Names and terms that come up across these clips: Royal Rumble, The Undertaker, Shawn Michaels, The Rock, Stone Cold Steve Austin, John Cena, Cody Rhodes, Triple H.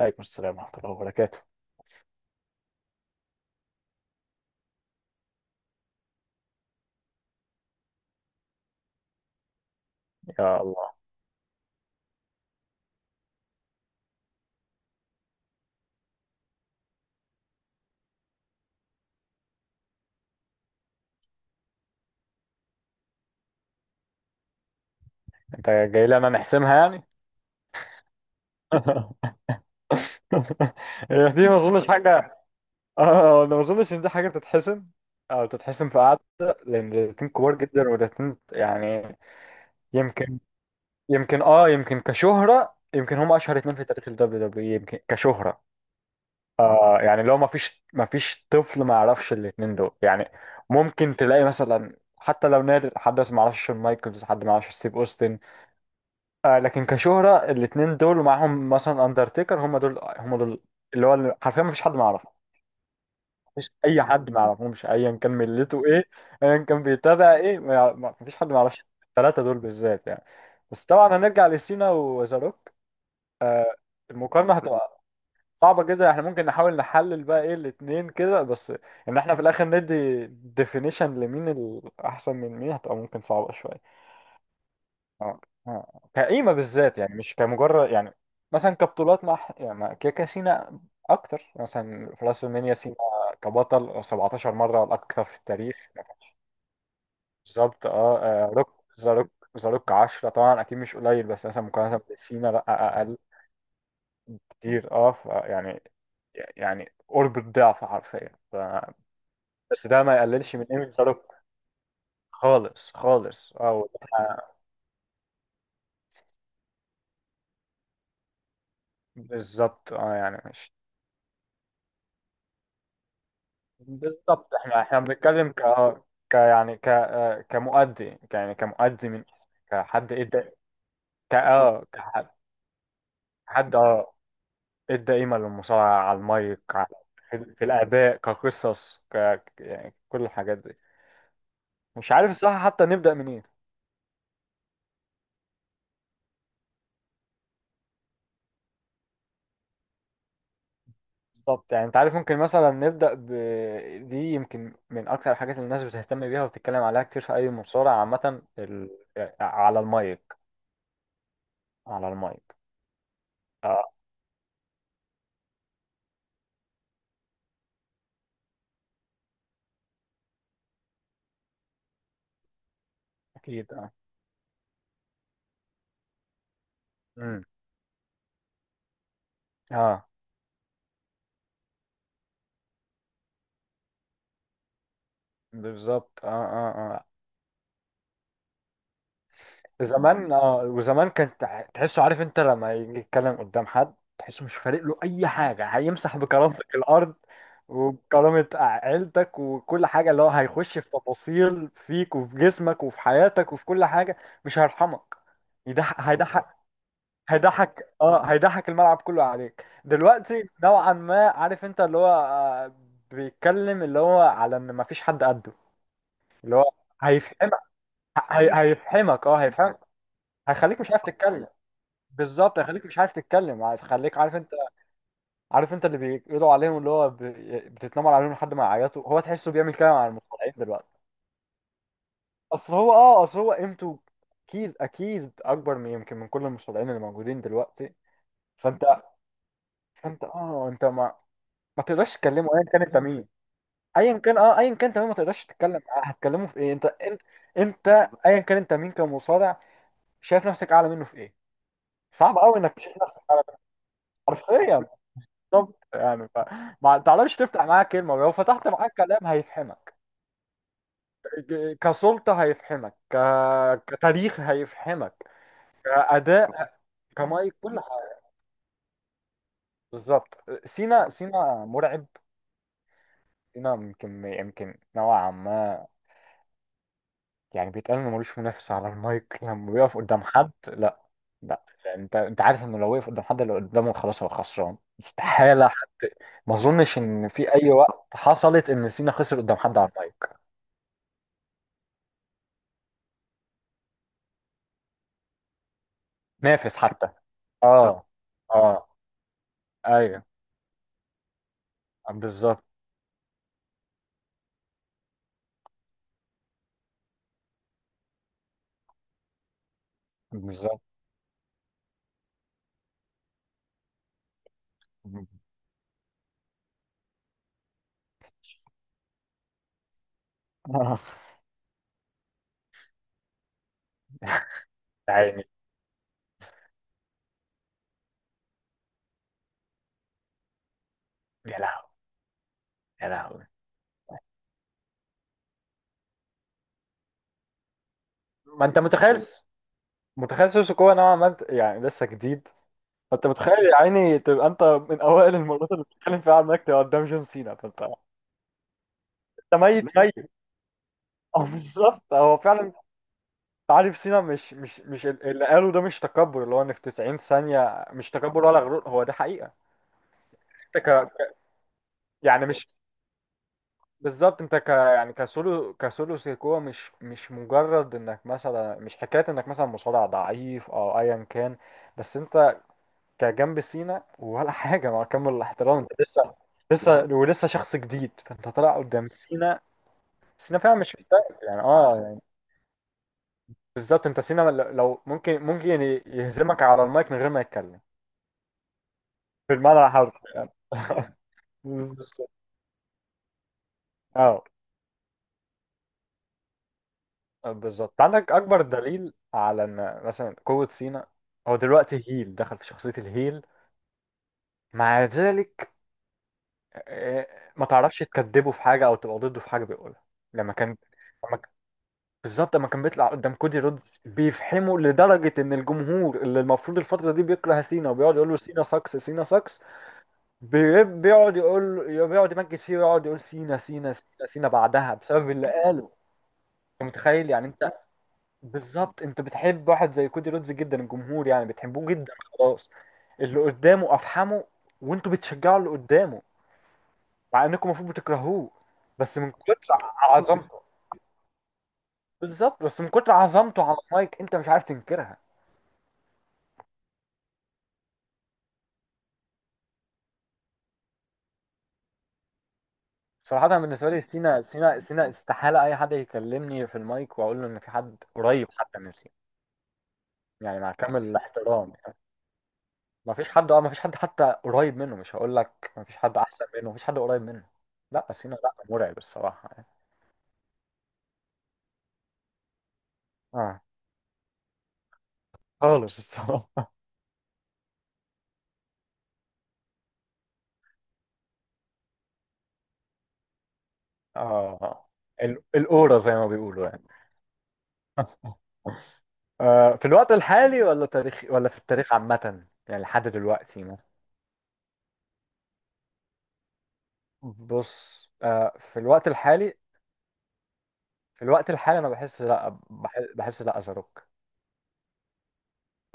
عليكم السلام ورحمة الله وبركاته. يا الله، انت جاي لنا نحسمها يعني. هي دي ما اظنش حاجة. اه انا ما اظنش ان دي حاجة تتحسم او تتحسم في قعدة، لان الاتنين كبار جدا والاتنين يعني يمكن يمكن كشهرة، يمكن هم اشهر اتنين في تاريخ ال WWE يمكن كشهرة. آه يعني لو ما فيش طفل ما يعرفش الاتنين دول يعني، ممكن تلاقي مثلا حتى لو نادر حد ما يعرفش شون مايكلز، حد ما يعرفش ستيف اوستن. آه لكن كشهرة الاتنين دول ومعاهم مثلا اندرتيكر، هم دول هم دول اللي حرفيا مفيش حد ما يعرفه. مفيش اي حد ما يعرفهمش ايا كان ملته ايه، ايا كان بيتابع ايه، ما يع- ما- مفيش حد ما يعرفش الثلاثة دول بالذات يعني. بس طبعا هنرجع لسينا وزاروك. آه المقارنة هتبقى صعبة جدا، احنا ممكن نحاول نحلل بقى ايه الاتنين كده بس، ان احنا في الاخر ندي ديفينيشن لمين الاحسن من مين، هتبقى ممكن صعبة شوية. اه اه. كقيمة بالذات يعني مش كمجرد يعني مثلا كبطولات، يعني مع كيكا سينا أكتر، مثلا في راس المنيا سينا كبطل 17 مرة، الأكثر في التاريخ. بالظبط. اه آه، روك ذا روك، ذا روك 10 طبعا، أكيد مش قليل، بس مثلا مقارنة بسينا لأ، أقل كتير. يعني قرب الضعف حرفيا. بس ده ما يقللش من قيمة ذا روك خالص خالص. بالظبط. اه يعني مش، بالظبط، احنا بنتكلم ك ك يعني ك آه، كمؤدي، يعني كمؤدي، من كحد ادى، ك اه كحد حد اه ادى قيمة للمصارعة، على المايك، في الاداء، كقصص، يعني كل الحاجات دي. مش عارف الصراحة حتى نبدأ منين. بالظبط يعني انت عارف، ممكن مثلا نبدأ ب دي يمكن من اكتر الحاجات اللي الناس بتهتم بيها وبتتكلم عليها كتير في اي مصارعة عامة، ال... على المايك. على المايك. اه اكيد اه. امم. اه بالظبط. اه اه اه. زمان. اه وزمان كان تحسه عارف، انت لما يجي يتكلم قدام حد تحسه مش فارق له اي حاجه، هيمسح بكرامتك الارض وبكرامه عيلتك وكل حاجه، اللي هو هيخش في تفاصيل فيك وفي جسمك وفي حياتك وفي كل حاجه، مش هيرحمك. يضحك. هيضحك. هيضحك الملعب كله عليك دلوقتي نوعا ما، عارف انت، اللي هو بيتكلم اللي هو على ان مفيش حد قده، اللي هو هيفهم، هيفحمك، هيخليك مش عارف تتكلم. بالظبط، هيخليك مش عارف تتكلم، هيخليك عارف انت، عارف انت اللي بيقولوا عليهم، اللي هو ب... بتتنمر عليهم لحد ما يعيطوا، هو تحسه بيعمل كده مع المصارعين دلوقتي. اصل هو، اصل هو قيمته اكيد، اكيد اكبر من، يمكن من كل المصارعين اللي موجودين دلوقتي. فانت، فانت اه انت ما ما تقدرش تكلمه ايا كان انت مين، ايا كان ايا كان، تمام، ما تقدرش تتكلم معاه، هتكلمه في ايه انت؟ انت ايا كان انت مين كمصارع، شايف نفسك اعلى منه في ايه؟ صعب قوي انك تشوف نفسك حرفيا. بالظبط يعني. ف... ما تعرفش تفتح معاه كلمة، ولو فتحت معاه كلام هيفهمك، كسلطة هيفهمك، ك... كتاريخ هيفهمك، كأداء، كمايك، كل حاجة. بالظبط. سينا، سينا مرعب. سينا يمكن نوعا ما، يعني بيتقال انه ملوش منافس على المايك، لما بيقف قدام حد لا، لا. انت عارف انه لو وقف قدام حد اللي قدامه خلاص هو خسران، استحالة حد. ما اظنش ان في اي وقت حصلت ان سينا خسر قدام حد على المايك، نافس حتى. آه. اه اه. ايوه. بالظبط. بالظبط. آه. يا عيني. يا لهوي. يا لهوي. ما انت متخيل. متخيل سوسوكو نوعا ما يعني لسه جديد، فانت متخيل يا عيني تبقى انت من اوائل المرات اللي بتتكلم فيها عنك، تبقى قدام جون سينا، فانت انت ميت ميت. اه بالظبط، هو فعلا. عارف، سينا مش مش مش ال- اللي قاله ده مش تكبر، اللي هو ان في 90 ثانية، مش تكبر ولا غرور، هو ده حقيقة. انت ك يعني مش بالظبط، انت ك يعني كسولو سيكوا، مش مش مجرد انك مثلا مش حكايه انك مثلا مصارع ضعيف او ايا كان، بس انت كجنب سينا ولا حاجه، مع كامل الاحترام، انت لسه، لسه ولسه شخص جديد، فانت طالع قدام سينا، سينا فعلا مش مستاهل يعني، اه يعني بالظبط. انت سينا لو ممكن، ممكن يهزمك على المايك من غير ما يتكلم، في المعنى الحرفي يعني. بالظبط. اه بالظبط، عندك اكبر دليل على ان مثلا قوة سينا، هو دلوقتي هيل، دخل في شخصية الهيل، مع ذلك، آه، ما تعرفش تكذبه في حاجة او تبقى ضده في حاجة بيقولها. لما كان لما ك- بالظبط، لما كان بيطلع قدام كودي رودز، بيفحمه لدرجة ان الجمهور اللي المفروض الفترة دي بيكره سينا وبيقعد يقول له سينا ساكس سينا ساكس، بيقعد يمجد فيه ويقعد يقول سينا سينا سينا سينا بعدها، بسبب اللي قاله. انت متخيل يعني؟ بالظبط، انت بتحب واحد زي كودي رودز جدا الجمهور، يعني بتحبوه جدا، خلاص، اللي قدامه افحمه، وانتوا بتشجعوا اللي قدامه مع انكم المفروض بتكرهوه، بس من كتر عظمته. بالظبط، بس من كتر عظمته على المايك انت مش عارف تنكرها. صراحة أنا بالنسبة لي سينا، سينا، سينا، استحالة أي حد يكلمني في المايك وأقول له إن في حد قريب حتى من سينا، يعني مع كامل الاحترام يعني. ما فيش حد، ما فيش حد حتى قريب منه، مش هقول لك ما فيش حد أحسن منه، ما فيش حد قريب منه. لا سينا لا، مرعب الصراحة يعني. اه خالص الصراحة. اه، ال- الأورا زي ما بيقولوا يعني. في الوقت الحالي ولا تاريخ، ولا في التاريخ عامة يعني لحد دلوقتي مثلا؟ بص، في الوقت الحالي، في الوقت الحالي أنا بحس، لا بحس، لا أزاروك.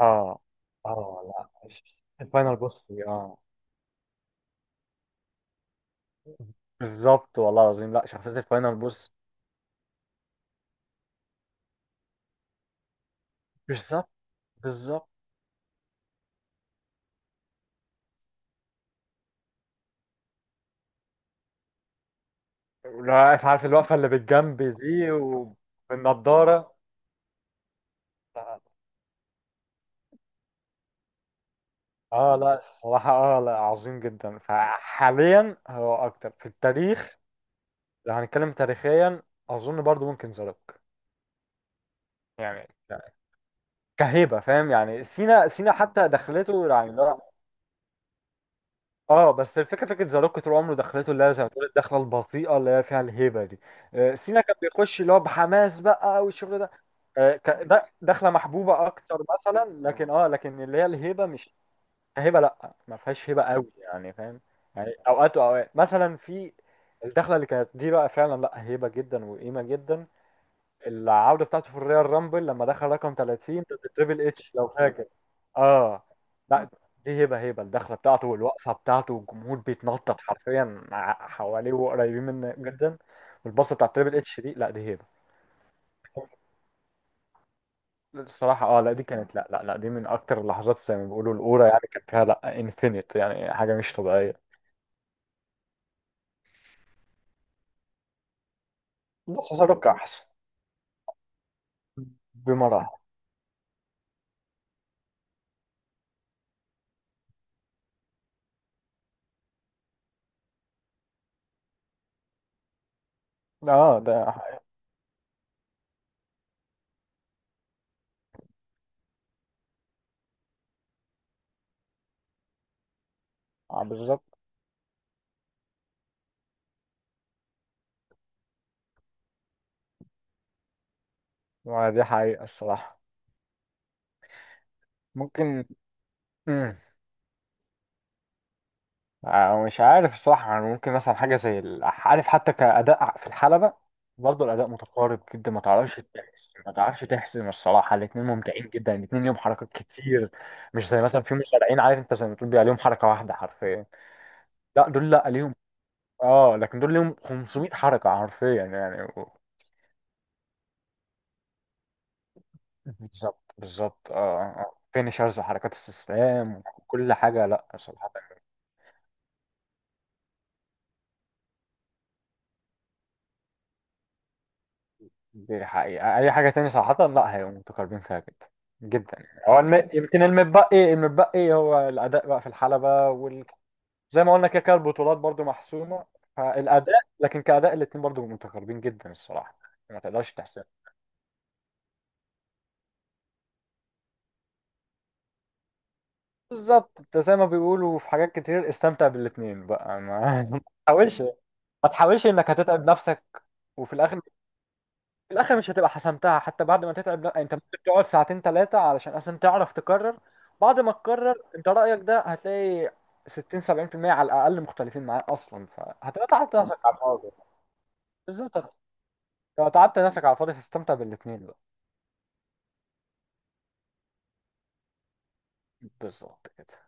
اه اه، لا مش- الفاينل بوس، اه بالظبط والله العظيم، لا شخصية الفاينل بوس. بالظبط، بالظبط. لا عارف، عارف الوقفة اللي بالجنب دي وبالنضارة. اه لا الصراحة، اه لا عظيم جدا، فحاليا هو اكتر. في التاريخ لو هنتكلم تاريخيا، اظن برضو ممكن زاروك يعني، كهيبة، فاهم يعني، سينا سينا حتى دخلته يعني لا. اه بس الفكرة، فكرة زاروك طول عمره دخلته اللي هي زي ما تقول الدخلة البطيئة اللي هي فيها الهيبة دي، سينا كان بيخش اللي هو بحماس بقى والشغل ده، ده دخلة محبوبة اكتر مثلا لكن، لكن اللي هي الهيبة مش، هبه لا ما فيهاش هبه قوي يعني، فاهم يعني، اوقات واوقات. مثلا في الدخله اللي كانت دي بقى فعلا لا، هبه جدا وقيمه جدا. العوده بتاعته في الريال رامبل لما دخل رقم 30 ضد تريبل اتش لو فاكر. اه لا دي هبه، هبه، الدخله بتاعته والوقفه بتاعته والجمهور بيتنطط حرفيا حواليه وقريبين منه جدا، والباصه بتاعت تريبل اتش دي، لا دي هبه. الصراحة اه لا دي كانت، لا لا لا، دي من أكتر اللحظات زي ما بيقولوا الأورا يعني، كانت فيها لا انفينيت يعني، حاجة مش طبيعية. بس أتوقع أحسن بمراحل. اه ده حقيقة. آه بالظبط. ما دي حقيقة الصراحة. ممكن. مم. آه مش عارف الصراحة يعني، ممكن مثلا حاجة زي ال- عارف، حتى كأداء في الحلبة، برضه الأداء متقارب جدا، ما تعرفش تحسم، ما تعرفش تحسم الصراحة، الاتنين ممتعين جدا، الاتنين ليهم حركات كتير، مش زي مثلا في مصارعين عارف انت زي ما تقول بيبقى ليهم حركة واحدة حرفيا، لا دول لا ليهم، اه، لكن دول ليهم 500 حركة حرفيا يعني. بالظبط، بالظبط. اه آه، آه. فينيشرز وحركات استسلام وكل حاجة، لا صراحة دي حقيقة، أي حاجة تاني صراحة لا، هيبقوا متقاربين فيها جدا جدا، يعني هو الم... يمكن المتبقي، المتبقي هو الأداء بقى في الحلبة وال... زي ما قلنا كده كده، البطولات برضو محسومة، فالأداء، لكن كأداء الاتنين برضو متقاربين جدا الصراحة، ما تقدرش تحسب. بالظبط، انت زي ما بيقولوا في حاجات كتير استمتع بالاتنين بقى، ما ما تحاولش، ما تحاولش انك هتتعب نفسك، وفي الاخر، في الاخر مش هتبقى حسمتها حتى بعد ما تتعب، لا انت ممكن تقعد ساعتين ثلاثه علشان اصلا تعرف تكرر، بعد ما تكرر انت رايك ده هتلاقي 60 70% على الاقل مختلفين معاه اصلا، فهتبقى تعبت نفسك على الفاضي. بالظبط، لو تعبت نفسك على الفاضي، هتستمتع بالاثنين بقى. بالظبط كده.